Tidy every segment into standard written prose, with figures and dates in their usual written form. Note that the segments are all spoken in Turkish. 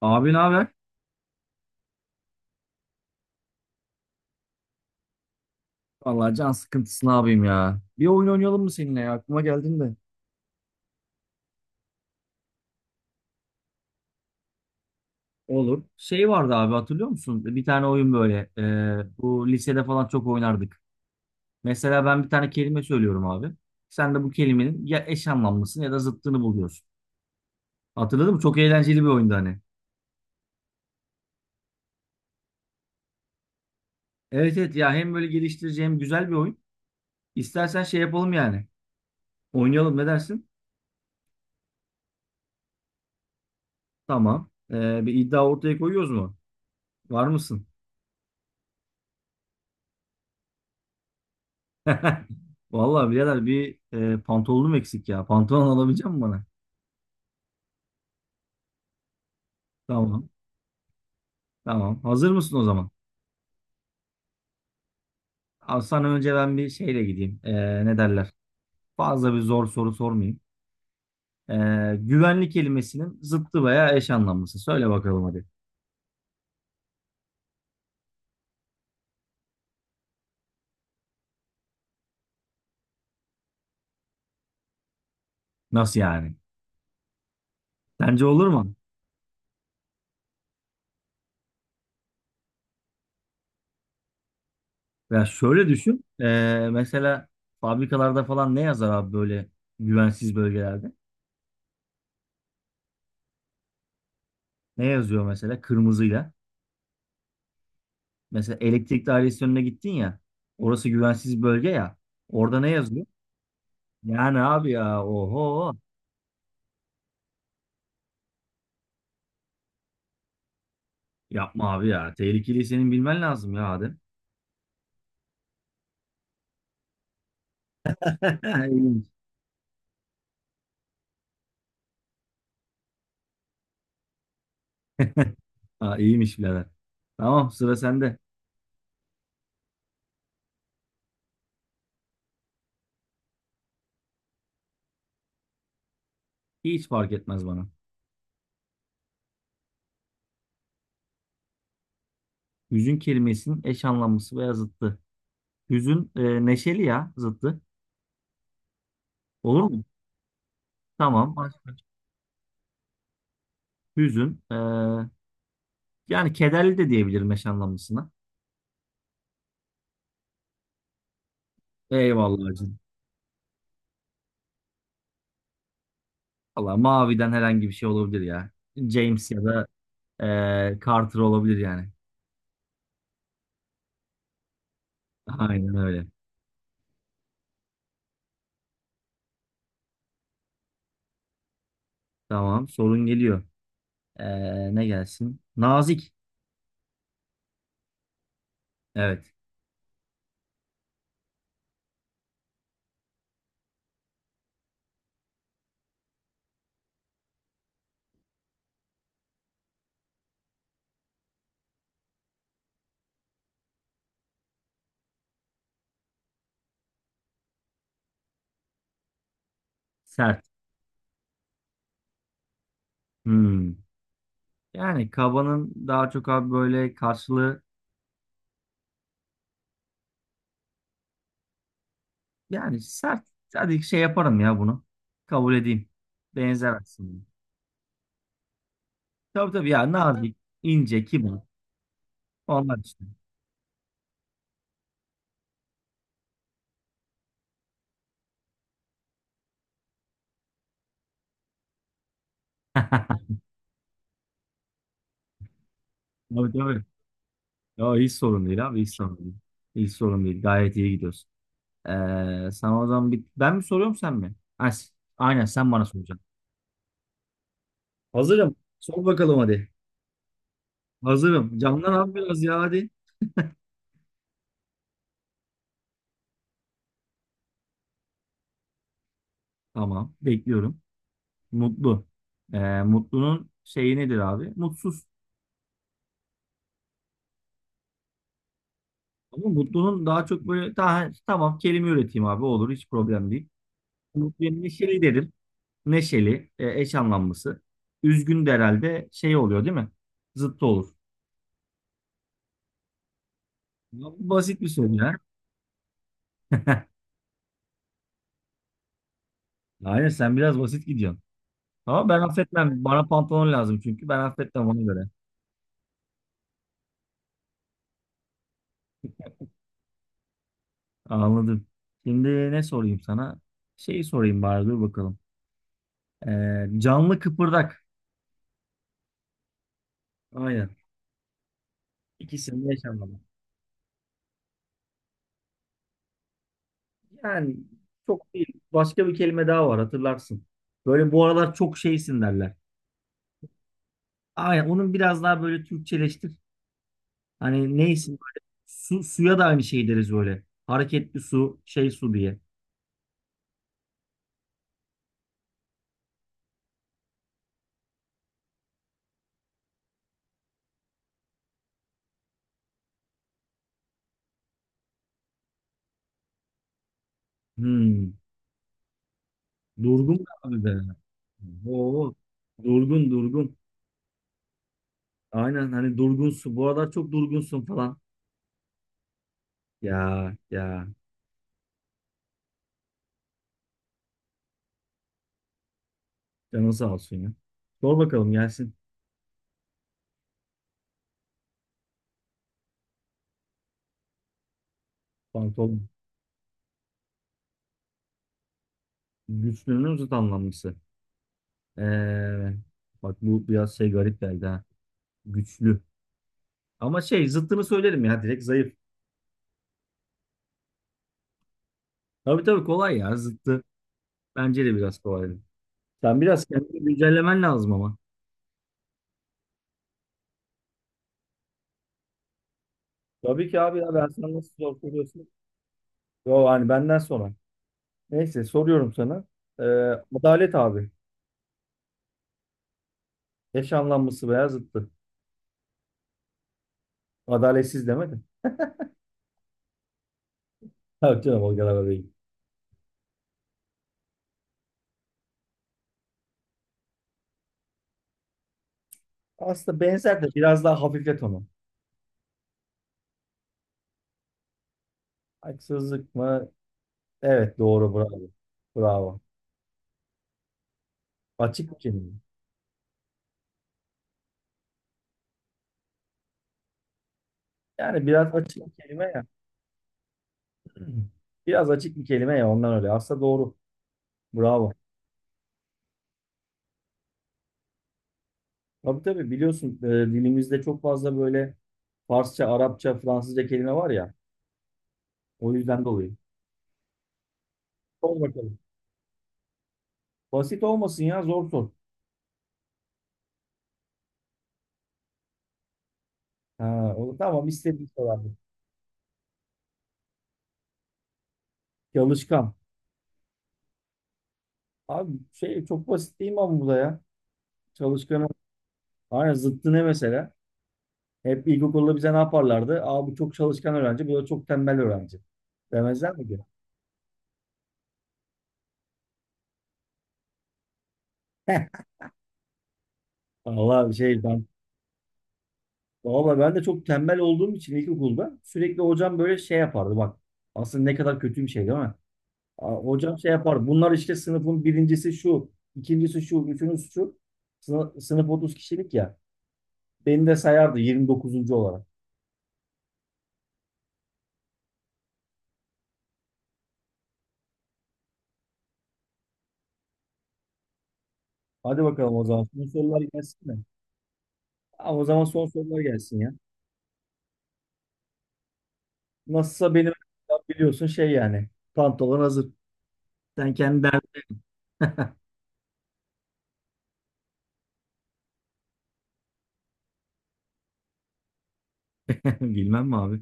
Abi ne haber? Vallahi can sıkıntısı ne yapayım ya. Bir oyun oynayalım mı seninle ya? Aklıma geldin de. Olur. Şey vardı abi hatırlıyor musun? Bir tane oyun böyle. Bu lisede falan çok oynardık. Mesela ben bir tane kelime söylüyorum abi. Sen de bu kelimenin ya eş anlamlısını ya da zıttını buluyorsun. Hatırladın mı? Çok eğlenceli bir oyundu hani. Evet evet ya hem böyle geliştirici hem güzel bir oyun. İstersen şey yapalım yani. Oynayalım ne dersin? Tamam. Bir iddia ortaya koyuyoruz mu? Var mısın? Vallahi birader bir pantolonum eksik ya. Pantolon alabilecek misin bana? Tamam. Tamam. Hazır mısın o zaman? Abi sana önce ben bir şeyle gideyim. Ne derler? Fazla bir zor soru sormayayım. E, Güvenlik kelimesinin zıttı veya eş anlamlısı. Söyle bakalım hadi. Nasıl yani? Sence olur mu? Ya şöyle düşün. Mesela fabrikalarda falan ne yazar abi böyle güvensiz bölgelerde? Ne yazıyor mesela kırmızıyla? Mesela elektrik dairesi önüne gittin ya. Orası güvensiz bölge ya. Orada ne yazıyor? Yani abi ya oho. Yapma abi ya. Tehlikeli senin bilmen lazım ya Adem. İyiymiş. Ha, iyiymiş birader. Tamam sıra sende. Hiç fark etmez bana. Hüzün kelimesinin eş anlamlısı veya zıttı. Hüzün neşeli ya zıttı. Olur mu? Tamam. Başka. Hüzün yani kederli de diyebilirim eş anlamlısına. Eyvallah hacım. Valla maviden herhangi bir şey olabilir ya. James ya da Carter olabilir yani. Aynen öyle. Tamam. Sorun geliyor. Ne gelsin? Nazik. Evet. Sert. Hmm. Yani kabanın daha çok abi böyle karşılığı yani sert. Hadi şey yaparım ya bunu. Kabul edeyim. Benzer aslında. Tabii tabii ya nazik, ince, kibar. Onlar işte. Tabii tabii. Ya hiç sorun değil abi. Hiç sorun değil. Hiç sorun değil. Gayet iyi gidiyoruz. Ee, Sana o zaman bir... Ben mi soruyorum sen mi? Ha, aynen sen bana soracaksın. Hazırım. Sor bakalım hadi. Hazırım. Candan abi biraz ya hadi. Tamam. Bekliyorum. Mutlu. Mutlunun şeyi nedir abi? Mutsuz. Ama mutlunun daha çok böyle daha, tamam kelime üreteyim abi olur hiç problem değil. Mutluya neşeli derim. Neşeli eş anlamlısı. Üzgün de herhalde şey oluyor değil mi? Zıttı olur. Ya bu basit bir soru ya. Aynen sen biraz basit gidiyorsun. Ama ben affetmem. Bana pantolon lazım çünkü. Ben affetmem ona göre. Anladım. Şimdi ne sorayım sana? Şeyi sorayım bari dur bakalım. Canlı kıpırdak. Aynen. İkisinin eş anlamı. Yani çok değil. Başka bir kelime daha var hatırlarsın. Böyle bu aralar çok şeysin derler. Aynen onun biraz daha böyle Türkçeleştir. Hani neysin böyle su, suya da aynı şey deriz böyle. Hareketli su, şey su diye. Hmm. Durgun abi be. Oo. Durgun durgun. Aynen hani durgunsun. Bu aralar çok durgunsun falan. Ya canın sağ olsun ya. Sor bakalım gelsin. Pantolon. Güçlünün zıt anlamlısı. Ee, Bak bu biraz şey garip geldi ha. Güçlü. Ama şey zıttını söylerim ya direkt zayıf. Tabii tabii kolay ya zıttı. Bence de biraz kolay. Sen biraz kendini güncellemen lazım ama. Tabii ki abi ya ben sana nasıl zor soruyorsun? Yo hani benden sonra. Neyse soruyorum sana. Ee, Adalet abi. Eş anlamlısı veya zıttı. Adaletsiz demedim. Tabii canım o kadar da değil. Aslında benzer de biraz daha hafiflet onu. Haksızlık mı? Evet doğru bravo. Bravo. Açık bir kelime. Yani biraz açık bir kelime ya. Biraz açık bir kelime ya ondan öyle. Aslında doğru. Bravo. Tabii tabii biliyorsun dilimizde çok fazla böyle Farsça, Arapça, Fransızca kelime var ya. O yüzden dolayı. Sor bakalım. Basit olmasın ya zor sor. Ha, o, tamam istediğin sorardım. Çalışkan. Abi şey çok basit değil mi ama bu da ya? Çalışkanın. Aynen zıttı ne mesela? Hep ilkokulda bize ne yaparlardı? Aa bu çok çalışkan öğrenci, bu da çok tembel öğrenci. Demezler mi ki? Valla şey ben valla ben de çok tembel olduğum için ilkokulda sürekli hocam böyle şey yapardı bak. Aslında ne kadar kötü bir şey değil mi? Aa, hocam şey yapardı. Bunlar işte sınıfın birincisi şu, ikincisi şu, üçüncüsü şu. Sınıf 30 kişilik ya. Beni de sayardı 29. olarak. Hadi bakalım o zaman. Son sorular gelsin mi? Aa, o zaman son sorular gelsin ya. Nasılsa benim biliyorsun şey yani. Pantolon hazır. Sen kendi derdin. Bilmem mi abi?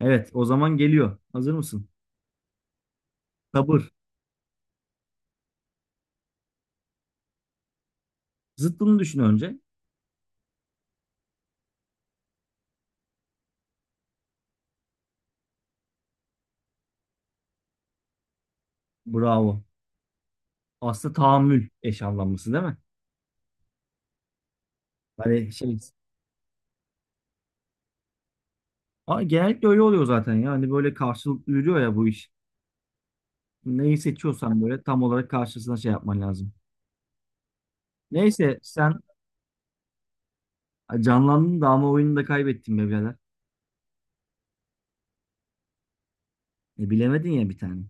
Evet, o zaman geliyor. Hazır mısın? Sabır. Zıttını düşün önce. Bravo. Aslında tahammül eş anlamlısı değil mi? Hani şey, aa, genellikle öyle oluyor zaten ya. Hani böyle karşılıklı yürüyor ya bu iş. Neyi seçiyorsan böyle tam olarak karşısına şey yapman lazım. Neyse sen canlandın da ama oyunu da kaybettin be birader. Bilemedin ya bir tane.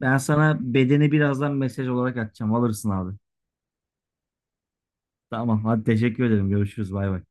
Ben sana bedeni birazdan mesaj olarak atacağım. Alırsın abi. Tamam hadi teşekkür ederim. Görüşürüz. Bay bay.